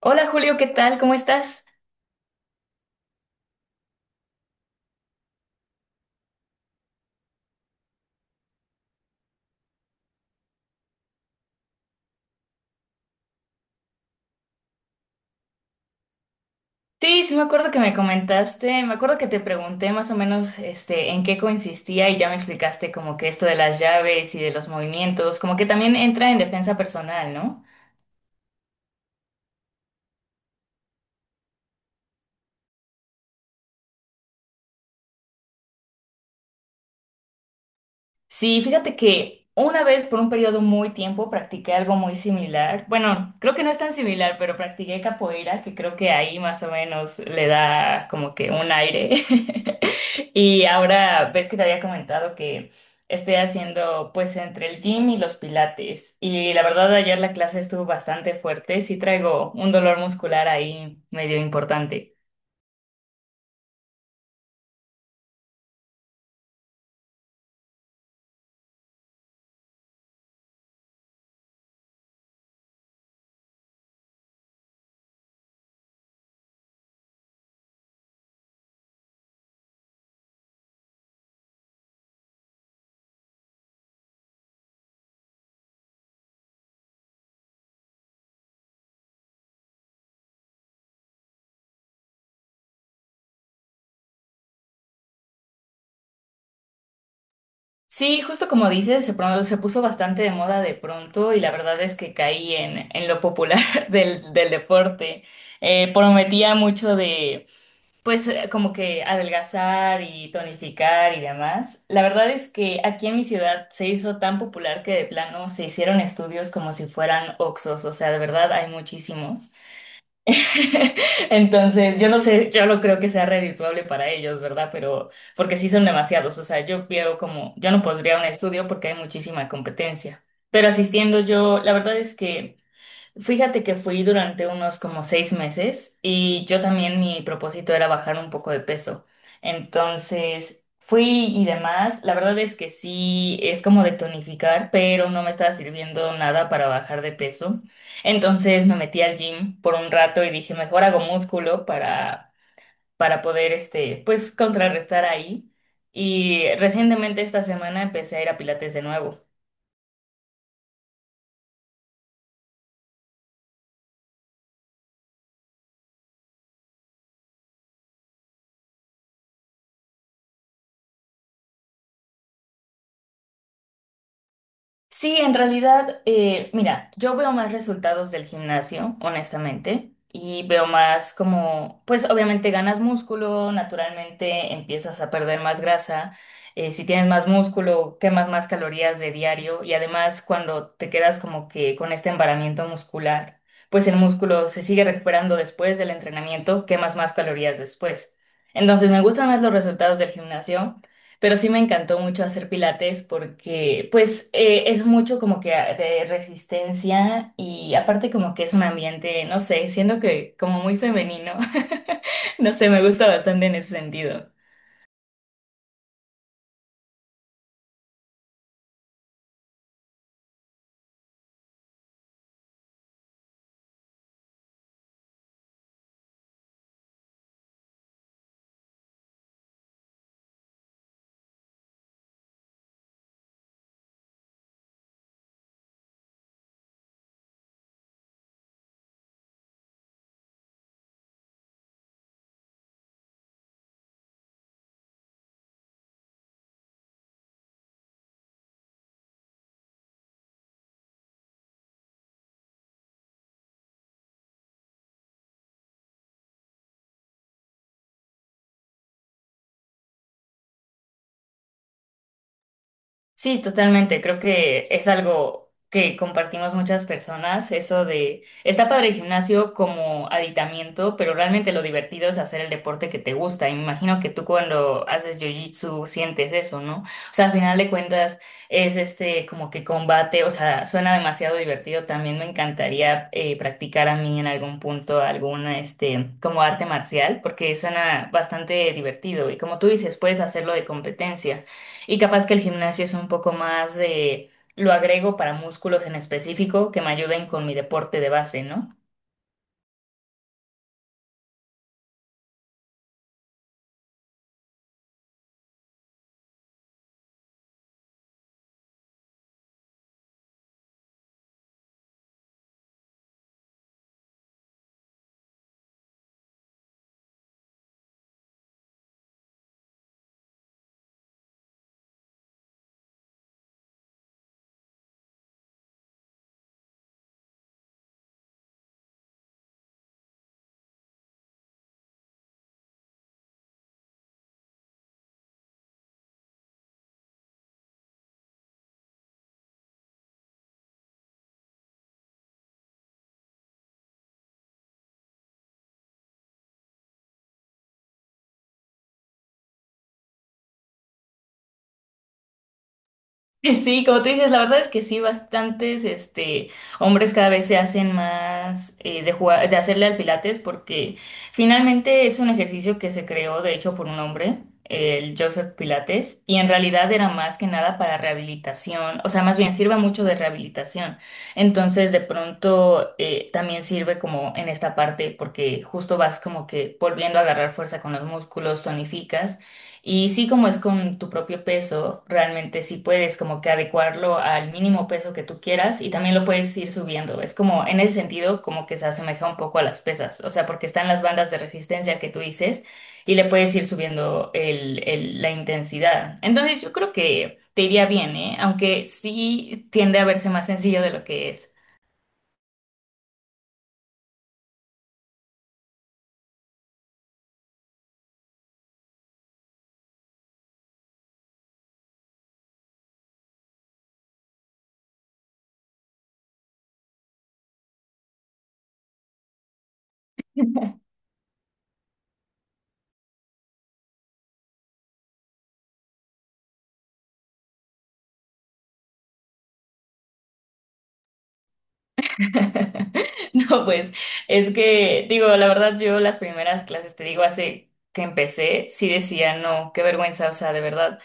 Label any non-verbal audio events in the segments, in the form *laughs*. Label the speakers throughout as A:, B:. A: Hola Julio, ¿qué tal? ¿Cómo estás? Sí, sí me acuerdo que me comentaste, me acuerdo que te pregunté más o menos en qué consistía y ya me explicaste como que esto de las llaves y de los movimientos, como que también entra en defensa personal, ¿no? Sí, fíjate que una vez por un periodo muy tiempo practiqué algo muy similar. Bueno, creo que no es tan similar, pero practiqué capoeira, que creo que ahí más o menos le da como que un aire. *laughs* Y ahora ves que te había comentado que estoy haciendo pues entre el gym y los pilates. Y la verdad ayer la clase estuvo bastante fuerte, sí traigo un dolor muscular ahí medio importante. Sí, justo como dices, se puso bastante de moda de pronto y la verdad es que caí en lo popular *laughs* del deporte. Prometía mucho de, pues, como que adelgazar y tonificar y demás. La verdad es que aquí en mi ciudad se hizo tan popular que de plano se hicieron estudios como si fueran oxos, o sea, de verdad hay muchísimos. *laughs* Entonces, yo no sé, yo no creo que sea redituable para ellos, ¿verdad? Pero porque sí son demasiados, o sea, yo veo como, yo no podría un estudio porque hay muchísima competencia. Pero asistiendo yo, la verdad es que… Fíjate que fui durante unos como seis meses y yo también mi propósito era bajar un poco de peso. Entonces fui y demás. La verdad es que sí, es como de tonificar, pero no me estaba sirviendo nada para bajar de peso. Entonces me metí al gym por un rato y dije, mejor hago músculo para poder, pues, contrarrestar ahí. Y recientemente esta semana empecé a ir a Pilates de nuevo. Sí, en realidad, mira, yo veo más resultados del gimnasio, honestamente, y veo más como, pues obviamente ganas músculo, naturalmente empiezas a perder más grasa, si tienes más músculo, quemas más calorías de diario y además cuando te quedas como que con este embaramiento muscular, pues el músculo se sigue recuperando después del entrenamiento, quemas más calorías después. Entonces me gustan más los resultados del gimnasio. Pero sí me encantó mucho hacer pilates porque pues es mucho como que de resistencia y aparte como que es un ambiente, no sé, siendo que como muy femenino, *laughs* no sé, me gusta bastante en ese sentido. Sí, totalmente. Creo que es algo que compartimos muchas personas, eso de, está padre el gimnasio como aditamiento, pero realmente lo divertido es hacer el deporte que te gusta. Y me imagino que tú cuando haces jiu-jitsu sientes eso, ¿no? O sea, al final de cuentas es como que combate, o sea, suena demasiado divertido. También me encantaría practicar a mí en algún punto alguna, como arte marcial, porque suena bastante divertido. Y como tú dices, puedes hacerlo de competencia. Y capaz que el gimnasio es un poco más de, lo agrego para músculos en específico que me ayuden con mi deporte de base, ¿no? *laughs* Sí, como tú dices, la verdad es que sí, bastantes hombres cada vez se hacen más de jugar, de hacerle al Pilates porque finalmente es un ejercicio que se creó, de hecho, por un hombre, el Joseph Pilates, y en realidad era más que nada para rehabilitación, o sea, más bien sirve mucho de rehabilitación. Entonces, de pronto también sirve como en esta parte porque justo vas como que volviendo a agarrar fuerza con los músculos, tonificas. Y sí, como es con tu propio peso, realmente sí puedes como que adecuarlo al mínimo peso que tú quieras y también lo puedes ir subiendo. Es como en ese sentido como que se asemeja un poco a las pesas, o sea, porque están las bandas de resistencia que tú dices y le puedes ir subiendo la intensidad. Entonces yo creo que te iría bien, ¿eh? Aunque sí tiende a verse más sencillo de lo que es. *laughs* *laughs* No, pues es que, digo, la verdad, yo las primeras clases, te digo, hace que empecé, sí decía, no, qué vergüenza, o sea, de verdad,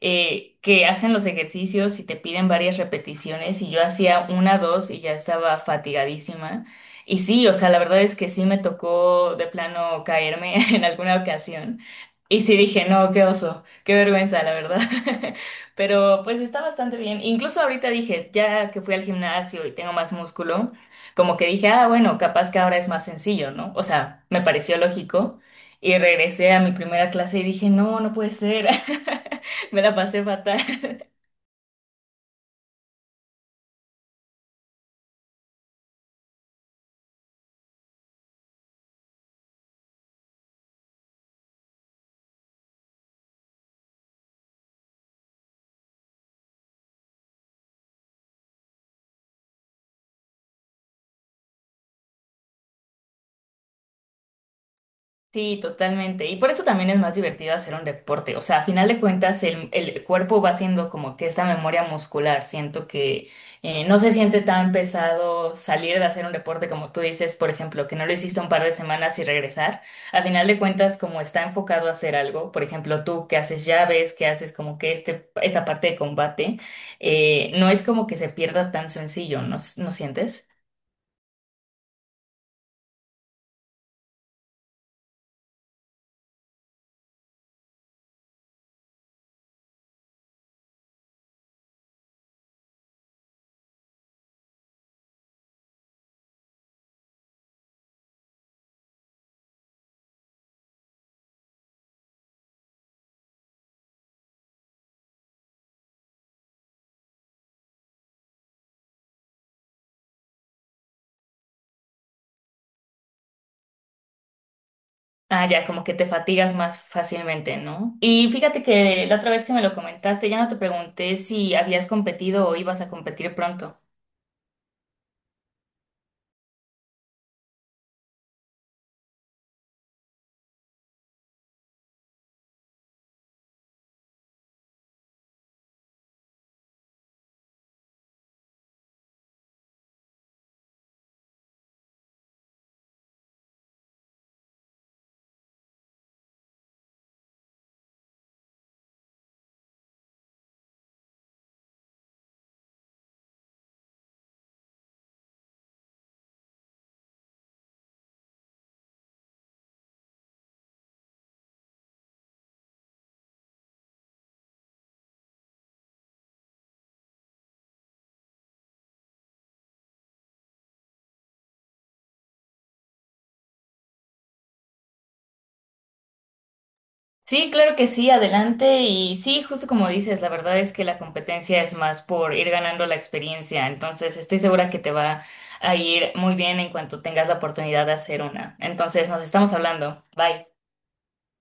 A: que hacen los ejercicios y te piden varias repeticiones y yo hacía una, dos y ya estaba fatigadísima. Y sí, o sea, la verdad es que sí me tocó de plano caerme *laughs* en alguna ocasión. Y sí dije, no, qué oso, qué vergüenza, la verdad. *laughs* Pero pues está bastante bien. Incluso ahorita dije, ya que fui al gimnasio y tengo más músculo. Como que dije, ah, bueno, capaz que ahora es más sencillo, ¿no? O sea, me pareció lógico. Y regresé a mi primera clase y dije, no, no puede ser. *laughs* Me la pasé fatal. Sí, totalmente. Y por eso también es más divertido hacer un deporte. O sea, a final de cuentas, el cuerpo va haciendo como que esta memoria muscular. Siento que no se siente tan pesado salir de hacer un deporte como tú dices, por ejemplo, que no lo hiciste un par de semanas y regresar. A final de cuentas, como está enfocado a hacer algo, por ejemplo, tú que haces llaves, que haces como que esta parte de combate, no es como que se pierda tan sencillo, ¿no, no sientes? Ah, ya, como que te fatigas más fácilmente, ¿no? Y fíjate que la otra vez que me lo comentaste, ya no te pregunté si habías competido o ibas a competir pronto. Sí, claro que sí, adelante. Y sí, justo como dices, la verdad es que la competencia es más por ir ganando la experiencia. Entonces, estoy segura que te va a ir muy bien en cuanto tengas la oportunidad de hacer una. Entonces, nos estamos hablando. Bye.